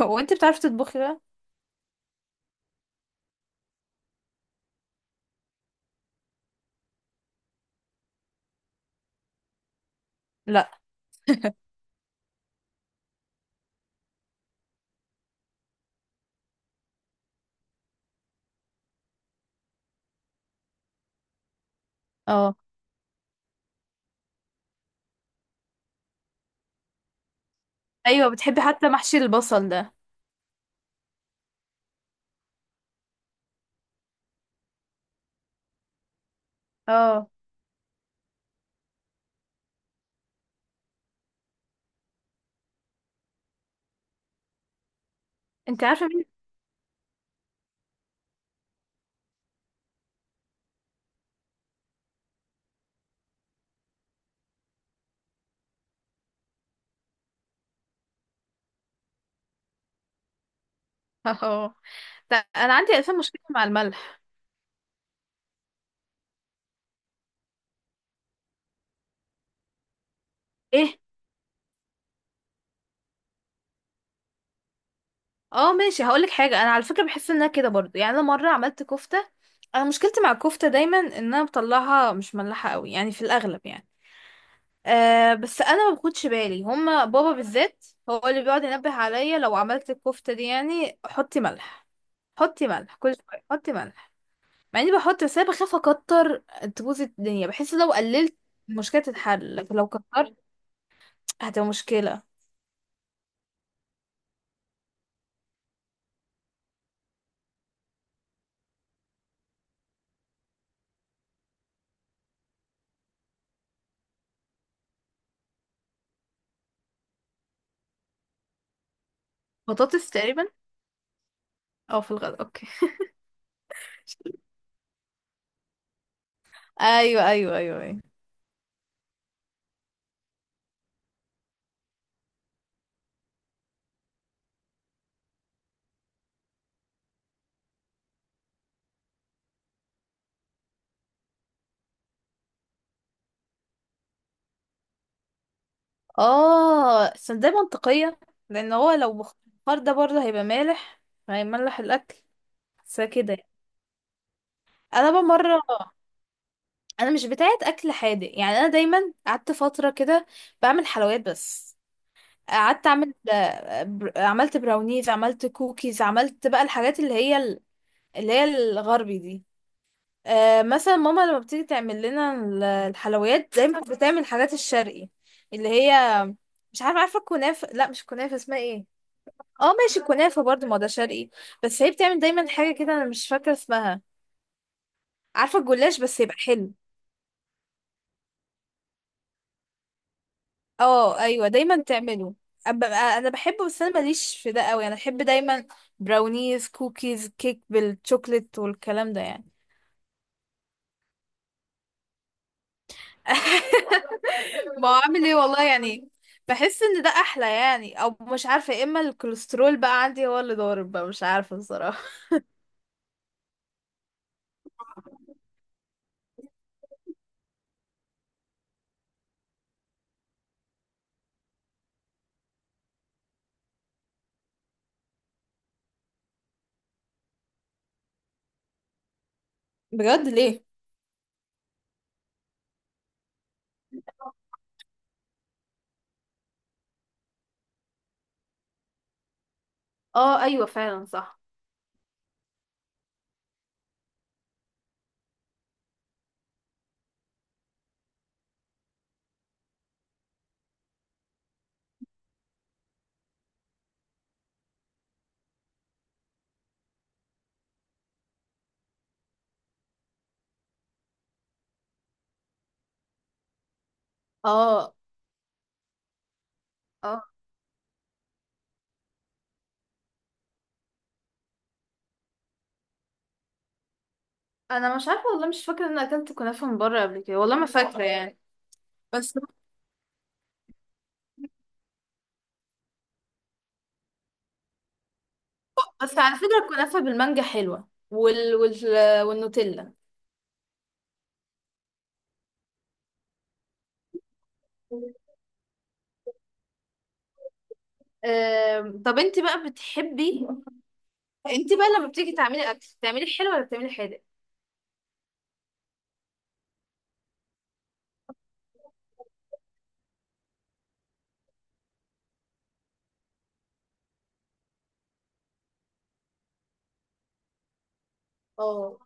هو انت بتعرفي تطبخي بقى؟ لا. اه. ايوه بتحبي حتى محشي البصل ده؟ اه. انت عارفه مين؟ اه، ده انا عندي الفان مشكله مع الملح. ايه؟ اه ماشي، هقولك حاجه، انا على فكره بحس انها كده برضو يعني. انا مره عملت كفته. انا مشكلتي مع الكفته دايما ان انا بطلعها مش ملحه قوي يعني، في الاغلب يعني. بس انا ما باخدش بالي. هما بابا بالذات هو اللي بيقعد ينبه عليا لو عملت الكفته دي يعني حطي ملح، حطي ملح كل شويه، حطي ملح. مع اني بحط، بس انا بخاف اكتر تبوظ الدنيا. بحس لو قللت المشكله تتحل، لكن لو كترت هتبقى مشكله. بطاطس تقريبا، او في الغد، اوكي. ايوه، ايوه، ايوه، ايوه. اه، بس ده منطقيه، لان هو لو بخار ده برضه هيبقى مالح، هيملح الاكل. بس كده يعني. انا بقى مره، انا مش بتاعه اكل حادق يعني. انا دايما قعدت فتره كده بعمل حلويات بس. قعدت اعمل عملت براونيز، عملت كوكيز، عملت بقى الحاجات اللي هي الغربي دي. مثلا ماما لما بتيجي تعمل لنا الحلويات زي ما بتعمل الحاجات الشرقي اللي هي، مش عارفه، عارفه الكنافه؟ لا مش كنافه، اسمها ايه؟ اه ماشي، الكنافه برضو ما ده شرقي. بس هي بتعمل دايما حاجه كده، انا مش فاكره اسمها. عارفه الجلاش بس يبقى حلو؟ اه ايوه، دايما تعمله. انا بحبه، بس انا ماليش في ده قوي. انا بحب دايما براونيز، كوكيز، كيك بالشوكليت والكلام ده يعني. ما هو عامل ايه والله يعني. بحس ان ده احلى يعني، او مش عارفه، يا اما الكوليسترول بقى عندي هو اللي ضارب بقى، مش عارفه بصراحه. بجد؟ ليه؟ اه ايوه، فعلا صح. اه، اه. انا مش عارفه والله، مش فاكره ان أنا اكلت كنافه من بره قبل كده، والله ما فاكره يعني. بس. بس على فكره، الكنافه بالمانجا حلوه والنوتيلا. طب انت بقى لما بتيجي تعملي اكل بتعملي حلو ولا بتعملي حادق؟ اه،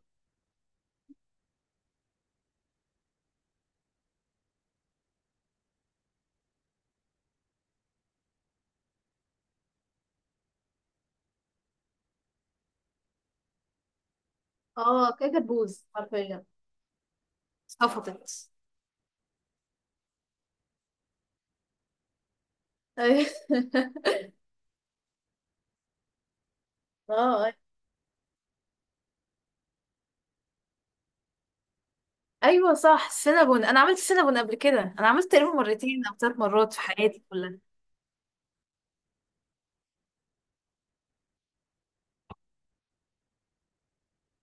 اه، كده بوز حرفيا. صفطت. أيوة. اه ايوه صح، السينابون. انا عملت السينابون قبل كده، انا عملت تقريبا مرتين او ثلاث مرات في حياتي كلها.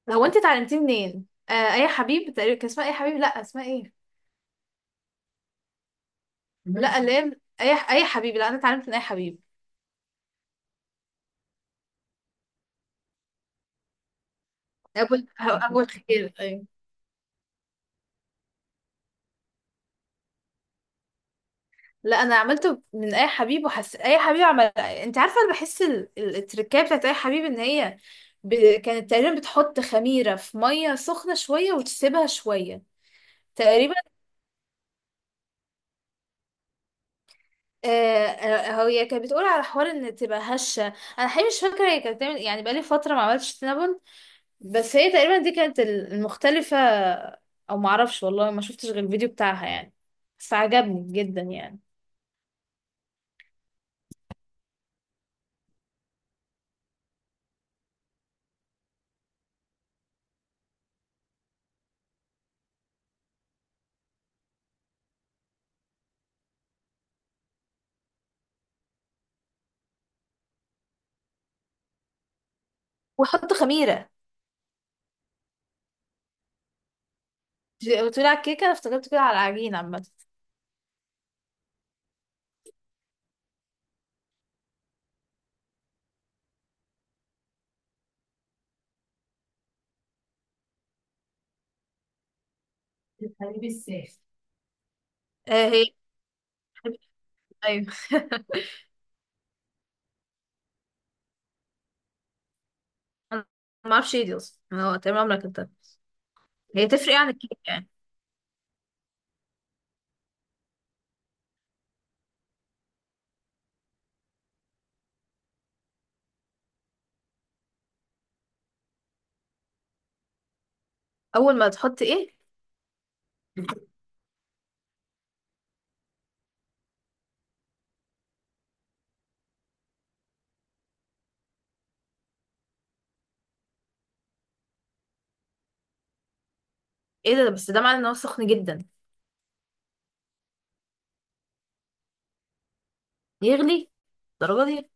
هو انت اتعلمتيه منين؟ اي حبيب تقريبا، كان اسمها اي حبيب، لا اسمها ايه؟ لا اللي هي، اي. اي حبيب، لا انا اتعلمت من اي حبيب. ابو الخير ايوه. لا انا عملته من اي حبيب، وحس اي حبيب عمل، انت عارفه انا بحس التركية بتاعت اي حبيب ان هي كانت تقريبا بتحط خميره في ميه سخنه شويه وتسيبها شويه. تقريبا. هي كانت بتقول على حوار ان تبقى هشه. انا حقيقي مش فاكره هي كانت بتعمل يعني، بقالي فتره ما عملتش سينابون. بس هي تقريبا دي كانت المختلفه. او ما اعرفش والله، ما شفتش غير الفيديو بتاعها يعني. بس عجبني جدا يعني. وحط خميرة. بتقولي على الكيكه؟ انا افتكرت كده على العجين عامه. الحليب الساخن. هي. ايوه. انا ما اعرفش ايه دي اصلا، انا تقريبا عمرك انت. هي تفرق عن الكيكه يعني؟ اول ما تحط ايه؟ ايه ده؟ بس ده معناه ان هو سخن جدا. يغلي؟ الدرجه دي؟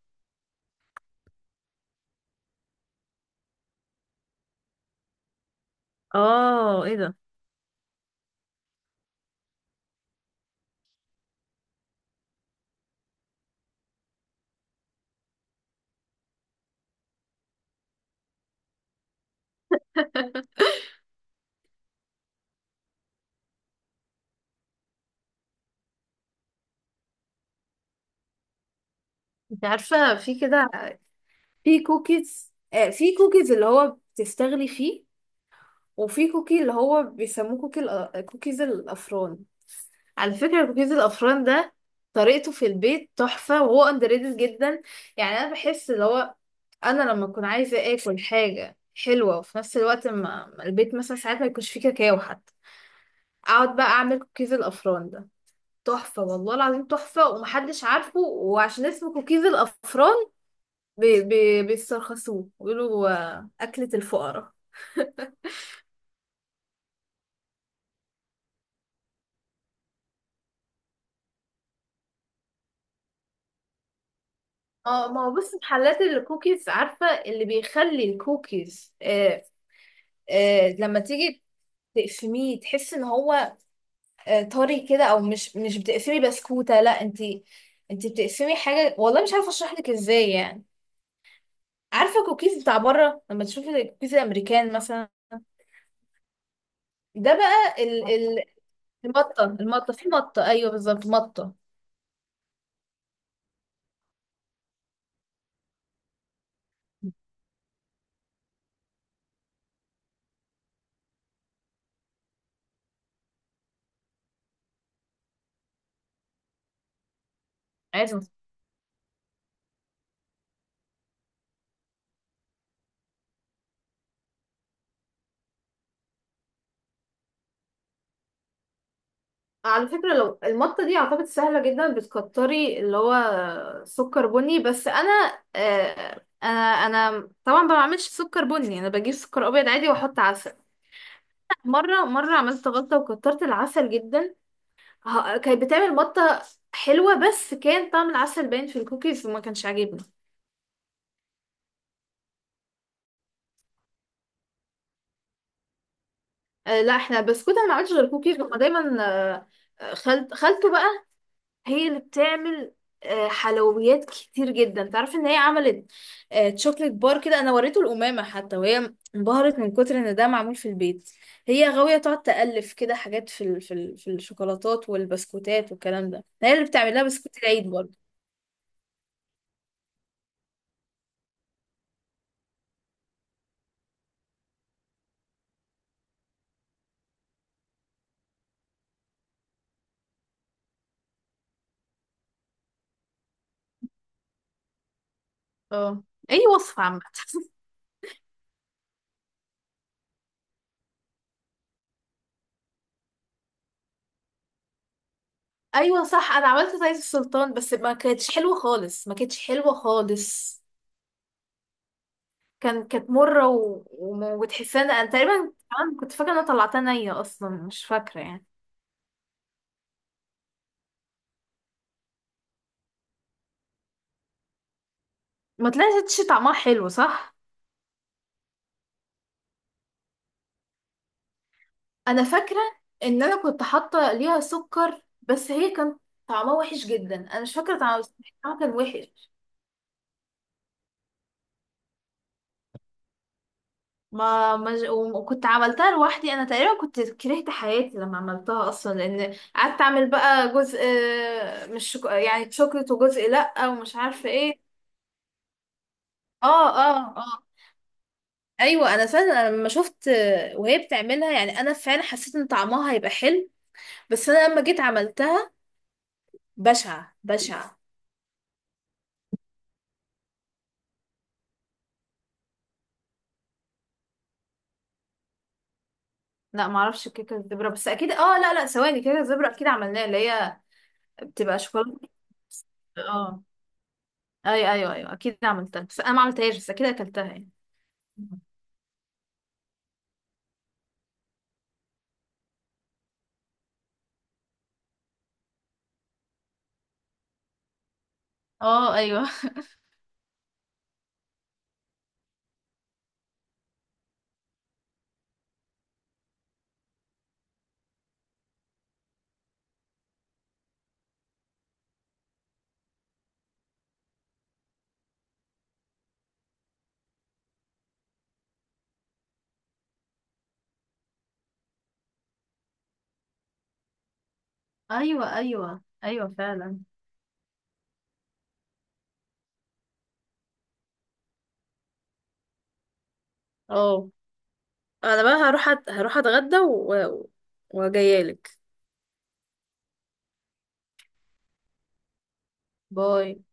اه، ايه ده؟ انت عارفة في كده، في كوكيز، في كوكيز اللي هو بتستغلي فيه، وفي كوكي اللي هو بيسموه كوكي كوكيز الأفران. على فكرة كوكيز الأفران ده، طريقته في البيت تحفة، وهو اندر ريتد جدا. يعني أنا بحس اللي هو، أنا لما أكون عايزة آكل حاجة حلوة، وفي نفس الوقت ما البيت مثلا ساعات ما يكونش فيه كاكاو حتى، أقعد بقى أعمل كوكيز الأفران ده. تحفة، والله العظيم تحفة، ومحدش عارفه. وعشان اسمه كوكيز الأفران، بي بي بيسترخصوه بيقولوا أكلة الفقراء. اه، ما هو بص، محلات الكوكيز عارفة اللي بيخلي الكوكيز لما تيجي تقسميه تحس ان هو طري كده، او مش بتقسمي بسكوتة، لا انتي، انتي بتقسمي حاجة، والله مش عارفة اشرح لك ازاي يعني. عارفة الكوكيز بتاع بره، لما تشوفي الكوكيز الامريكان مثلا، ده بقى ال المطة، المطة، في مطة، ايوه بالظبط مطة. على فكرة، لو المطة دي اعتقد سهلة جدا، بتكتري اللي هو سكر بني، بس انا انا انا طبعا ما بعملش سكر بني، انا بجيب سكر ابيض عادي واحط عسل. مرة عملت غلطة وكترت العسل جدا. كانت بتعمل مطة حلوة، بس كان طعم العسل باين في الكوكيز، وما كانش عاجبني. لا احنا البسكوت، انا ما عملتش غير كوكيز. هما دايما خلطه بقى. هي اللي بتعمل حلويات كتير جدا، تعرف ان هي عملت تشوكلت بار كده، انا وريته الامامه حتى وهي انبهرت من كتر ان ده معمول في البيت. هي غاويه تقعد تالف كده حاجات في الشوكولاتات والبسكوتات والكلام ده. هي اللي بتعمل لها بسكوت العيد برضه. اه، اي وصفة عامة. ايوه صح، انا عملت زيت السلطان بس ما كانتش حلوه خالص، ما كانتش حلوه خالص. كانت مره وتحسها انا تقريبا كمان كنت فاكره ان انا طلعتها نيه اصلا، مش فاكره يعني. ما طلعتش طعمها حلو، صح. انا فاكره ان انا كنت حاطه ليها سكر، بس هي كان طعمها وحش جدا، انا مش فاكره طعمها. بس طعمها كان وحش. ما ما ج- وكنت عملتها لوحدي، انا تقريبا كنت كرهت حياتي لما عملتها اصلا. لان قعدت اعمل بقى جزء مش يعني شوكليت وجزء لا ومش عارفه ايه. اه، اه، اه. ايوه انا فعلا، أنا لما شفت وهي بتعملها يعني انا فعلا حسيت ان طعمها هيبقى حلو. بس انا لما جيت عملتها، بشعه بشعه. لا معرفش كيكه الزبره بس اكيد، اه، لا، لا، ثواني، كيكه الزبره اكيد عملناها اللي هي بتبقى شوكولاته. اه، اي، ايوه، ايوه اكيد عملتها، بس انا ما عملتهاش، بس اكيد اكلتها يعني. اه ايوه. ايوه، ايوه، ايوه، فعلا. اه، انا بقى هروح هروح اتغدى وجايالك. باي.